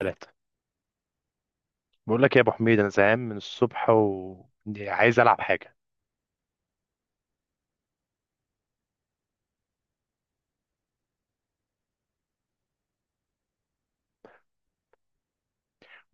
ثلاثة. بقول لك يا ابو حميد، انا زهقان من الصبح وعايز العب حاجه.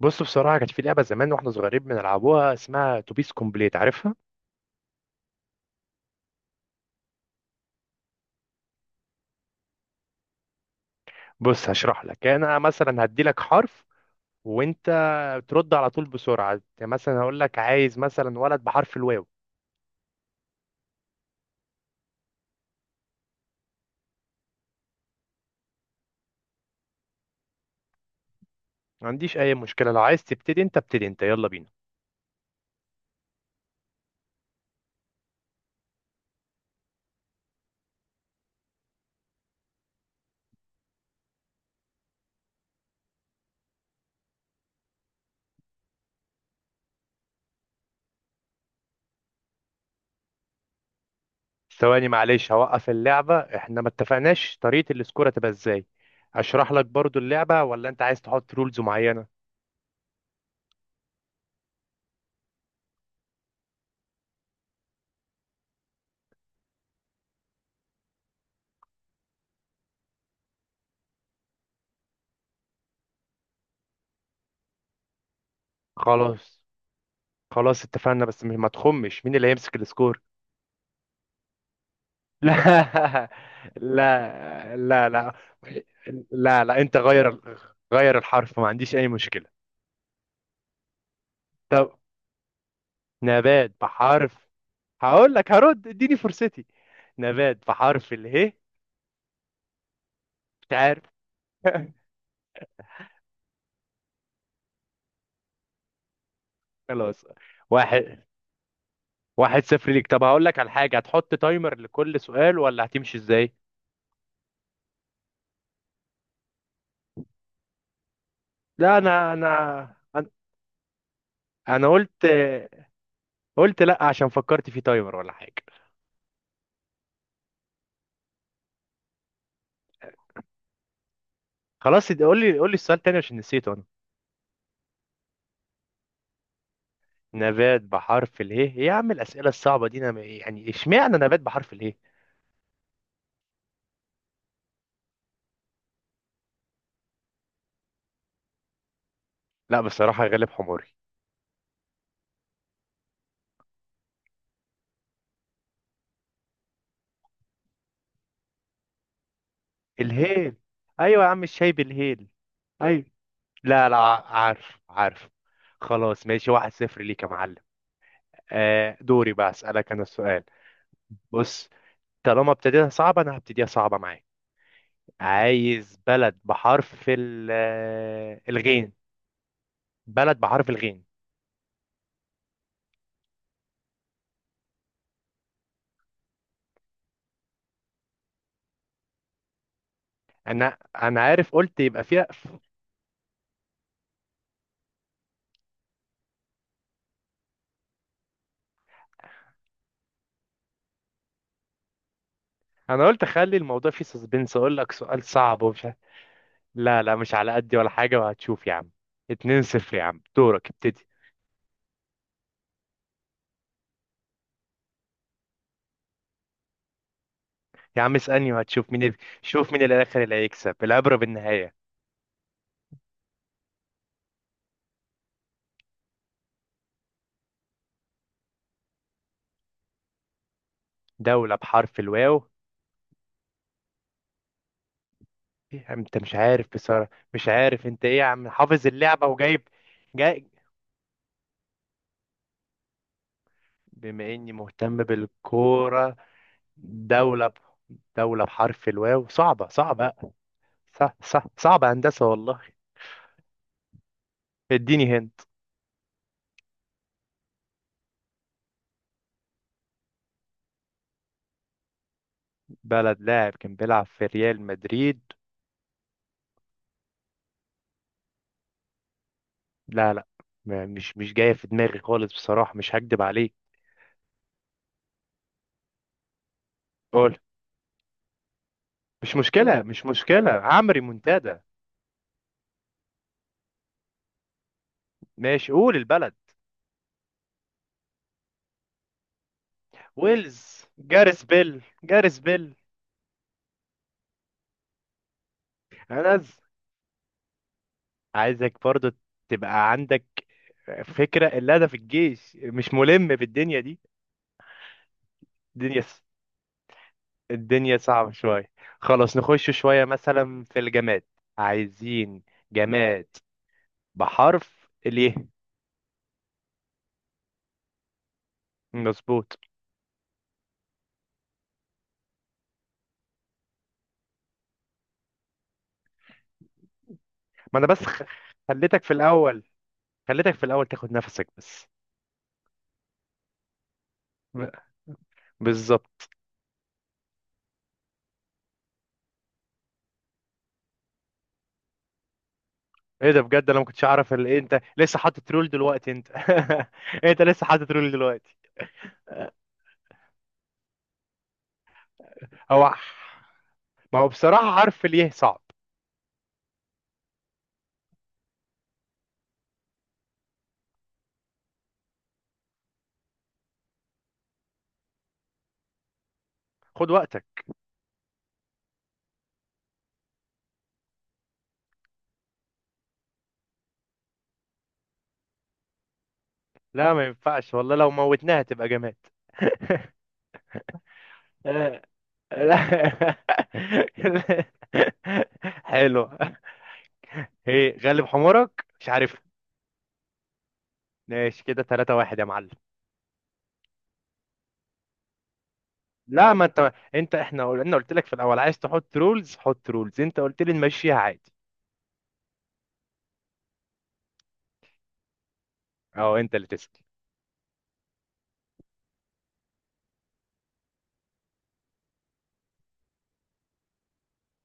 بص، بصراحه كانت في لعبه زمان واحنا صغيرين بنلعبوها اسمها توبيس كومبليت، عارفها؟ بص، هشرح لك. انا مثلا هدي لك حرف، وانت ترد على طول بسرعه. يعني مثلا هقول لك عايز مثلا ولد بحرف الواو. ما عنديش اي مشكله، لو عايز تبتدي انت ابتدي انت، يلا بينا. ثواني معلش، هوقف اللعبه. احنا ما اتفقناش طريقه الاسكوره تبقى ازاي. اشرح لك برضو اللعبه، ولا انت عايز تحط رولز معينه؟ خلاص. خلاص اتفقنا، بس ما تخمش مين اللي هيمسك السكور. لا لا لا، لا لا لا، انت غير. غير الحرف، ما عنديش اي مشكلة. طب، نبات بحرف. هقول لك هرد، اديني فرصتي. نبات بحرف اله. مش عارف. خلاص. واحد واحد صفر ليك. طب هقول لك على حاجة، هتحط تايمر لكل سؤال ولا هتمشي ازاي؟ لا، انا انا انا أنا قلت لا عشان فكرت في تايمر ولا حاجة. خلاص، قول لي السؤال تاني عشان نسيته انا. نبات بحرف اله. إيه يا عم الاسئله الصعبه دي؟ يعني اشمعنى نبات بحرف اله؟ لا بصراحه، غالب حماري. الهيل. ايوه يا عم، الشاي بالهيل. ايوه. لا لا، عارف عارف. خلاص ماشي، 1-0 ليك يا معلم. آه، دوري بقى اسالك انا السؤال. بص، طالما ابتديتها صعبه انا هبتديها صعبه معاك. عايز بلد بحرف الغين. بلد بحرف الغين. انا انا عارف، قلت يبقى فيها. انا قلت اخلي الموضوع فيه سسبنس، اقول لك سؤال صعب ومش عارف- لا لا، مش على قدي ولا حاجه، وهتشوف يا عم. 2-0 يا عم، دورك ابتدي. يا عم اسالني وهتشوف شوف مين الاخر اللي هيكسب، العبره بالنهايه. دوله بحرف الواو. إيه يا عم، انت مش عارف بصراحه؟ مش عارف انت ايه يا عم، حافظ اللعبه وجايب. جاي. بما اني مهتم بالكوره. دوله ب... دوله بحرف الواو، صعبه صعبه. صح صح، صعبه هندسه والله. اديني هنت. بلد لاعب كان بيلعب في ريال مدريد. لا لا، مش جاية في دماغي خالص بصراحة، مش هكدب عليك. قول، مش مشكلة مش مشكلة، هعمل ريمونتادا. ماشي، قول البلد. ويلز، جاريس بيل جاريس بيل. أنا عايزك برضو تبقى عندك فكرة، اللي أنا في الجيش مش ملم بالدنيا دي. الدنيا الدنيا صعبة شوية. خلاص، نخش شوية مثلا في الجماد. عايزين جماد بحرف اليه. مظبوط. ما أنا بس خليتك في الأول. خليتك في الاول تاخد نفسك بس. ب- بالظبط. ايه ده بجد، انا ما كنتش اعرف إيه انت لسه حاطط رول دلوقتي انت؟ انت لسه حاطط رول دلوقتي؟ هو ما هو بصراحة حرف اليه صعب. خد وقتك. لا ما ينفعش والله، لو موتناها تبقى جماد. لا. حلو. ايه غلب حمارك، مش عارف. ماشي كده، 3 واحد يا معلم. لا ما انت احنا قلت لك في الاول عايز تحط رولز حط رولز، انت قلت لي نمشيها عادي. اه، انت اللي تسأل.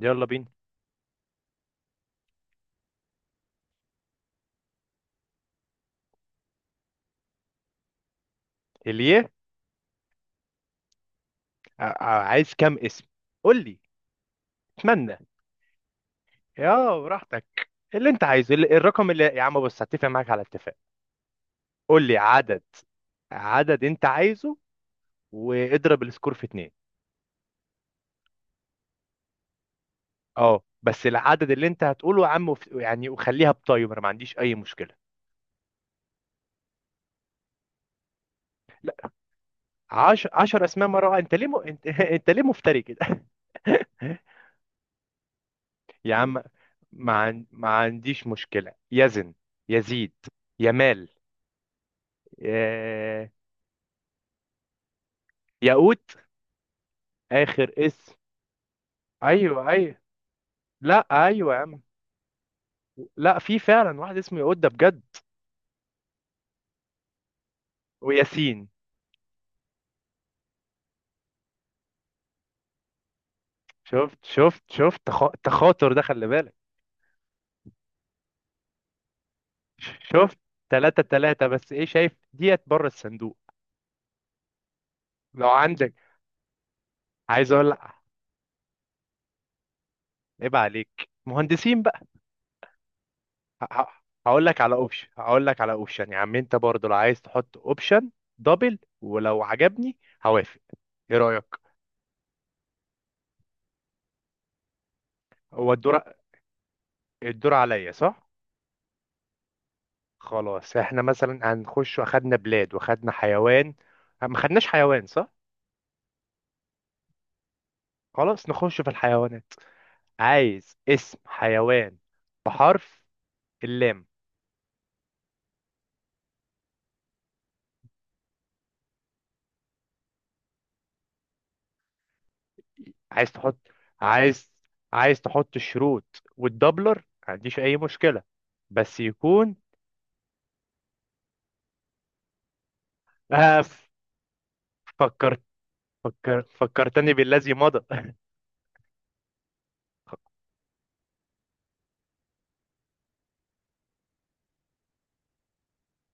يلا بينا. اليه. عايز كام اسم؟ قول لي. اتمنى. يا براحتك. اللي انت عايزه الرقم اللي، يا عم، بص هتفق معاك على اتفاق. قول لي عدد، عدد انت عايزه، واضرب السكور في اتنين. اه، بس العدد اللي انت هتقوله يا عم يعني وخليها بتايمر، ما عنديش اي مشكلة. عشر اسماء مرة واحدة؟ انت، انت ليه مفتري كده؟ يا عم، ما عنديش مشكلة. يزن، يزيد، يمال، يا... ياقوت. اخر اسم. ايوه ايوه. لا ايوه يا عم. لا في فعلا واحد اسمه يقود ده بجد. وياسين. شفت شفت شفت؟ تخاطر ده، خلي بالك. شفت؟ 3-3، بس ايه، شايف ديت بره الصندوق. لو عندك عايز اقول لك. عيب عليك مهندسين بقى. ه- ه- هقول لك على اوبشن يا عم، انت برضه لو عايز تحط اوبشن دبل، ولو عجبني هوافق. ايه رأيك؟ هو الدور؟ الدور عليا صح؟ خلاص، احنا مثلا هنخش. واخدنا بلاد واخدنا حيوان. ما خدناش حيوان صح؟ خلاص، نخش في الحيوانات. عايز اسم حيوان بحرف اللام. عايز تحط. عايز عايز تحط الشروط والدبلر، ما عنديش اي مشكلة، بس يكون. آه، فكرت. فكرتني بالذي مضى.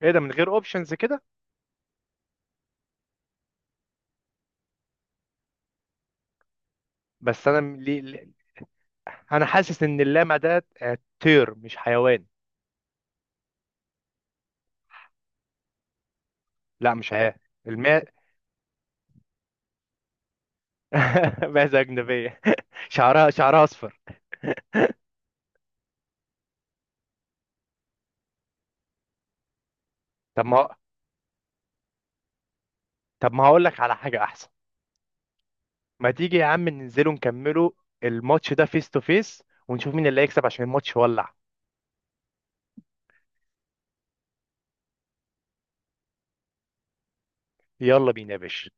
ايه ده، من غير اوبشنز كده؟ بس انا م- لي... لي- انا حاسس ان اللامع ده طير مش حيوان. لا، مش حيوان. معزة أجنبية. شعرها أصفر. طب ما طب ما هقول لك على حاجة أحسن. ما تيجي يا عم ننزلوا نكملوا الماتش ده فيس تو فيس، ونشوف مين اللي هيكسب عشان الماتش ولع. يلا بينا يا باشا.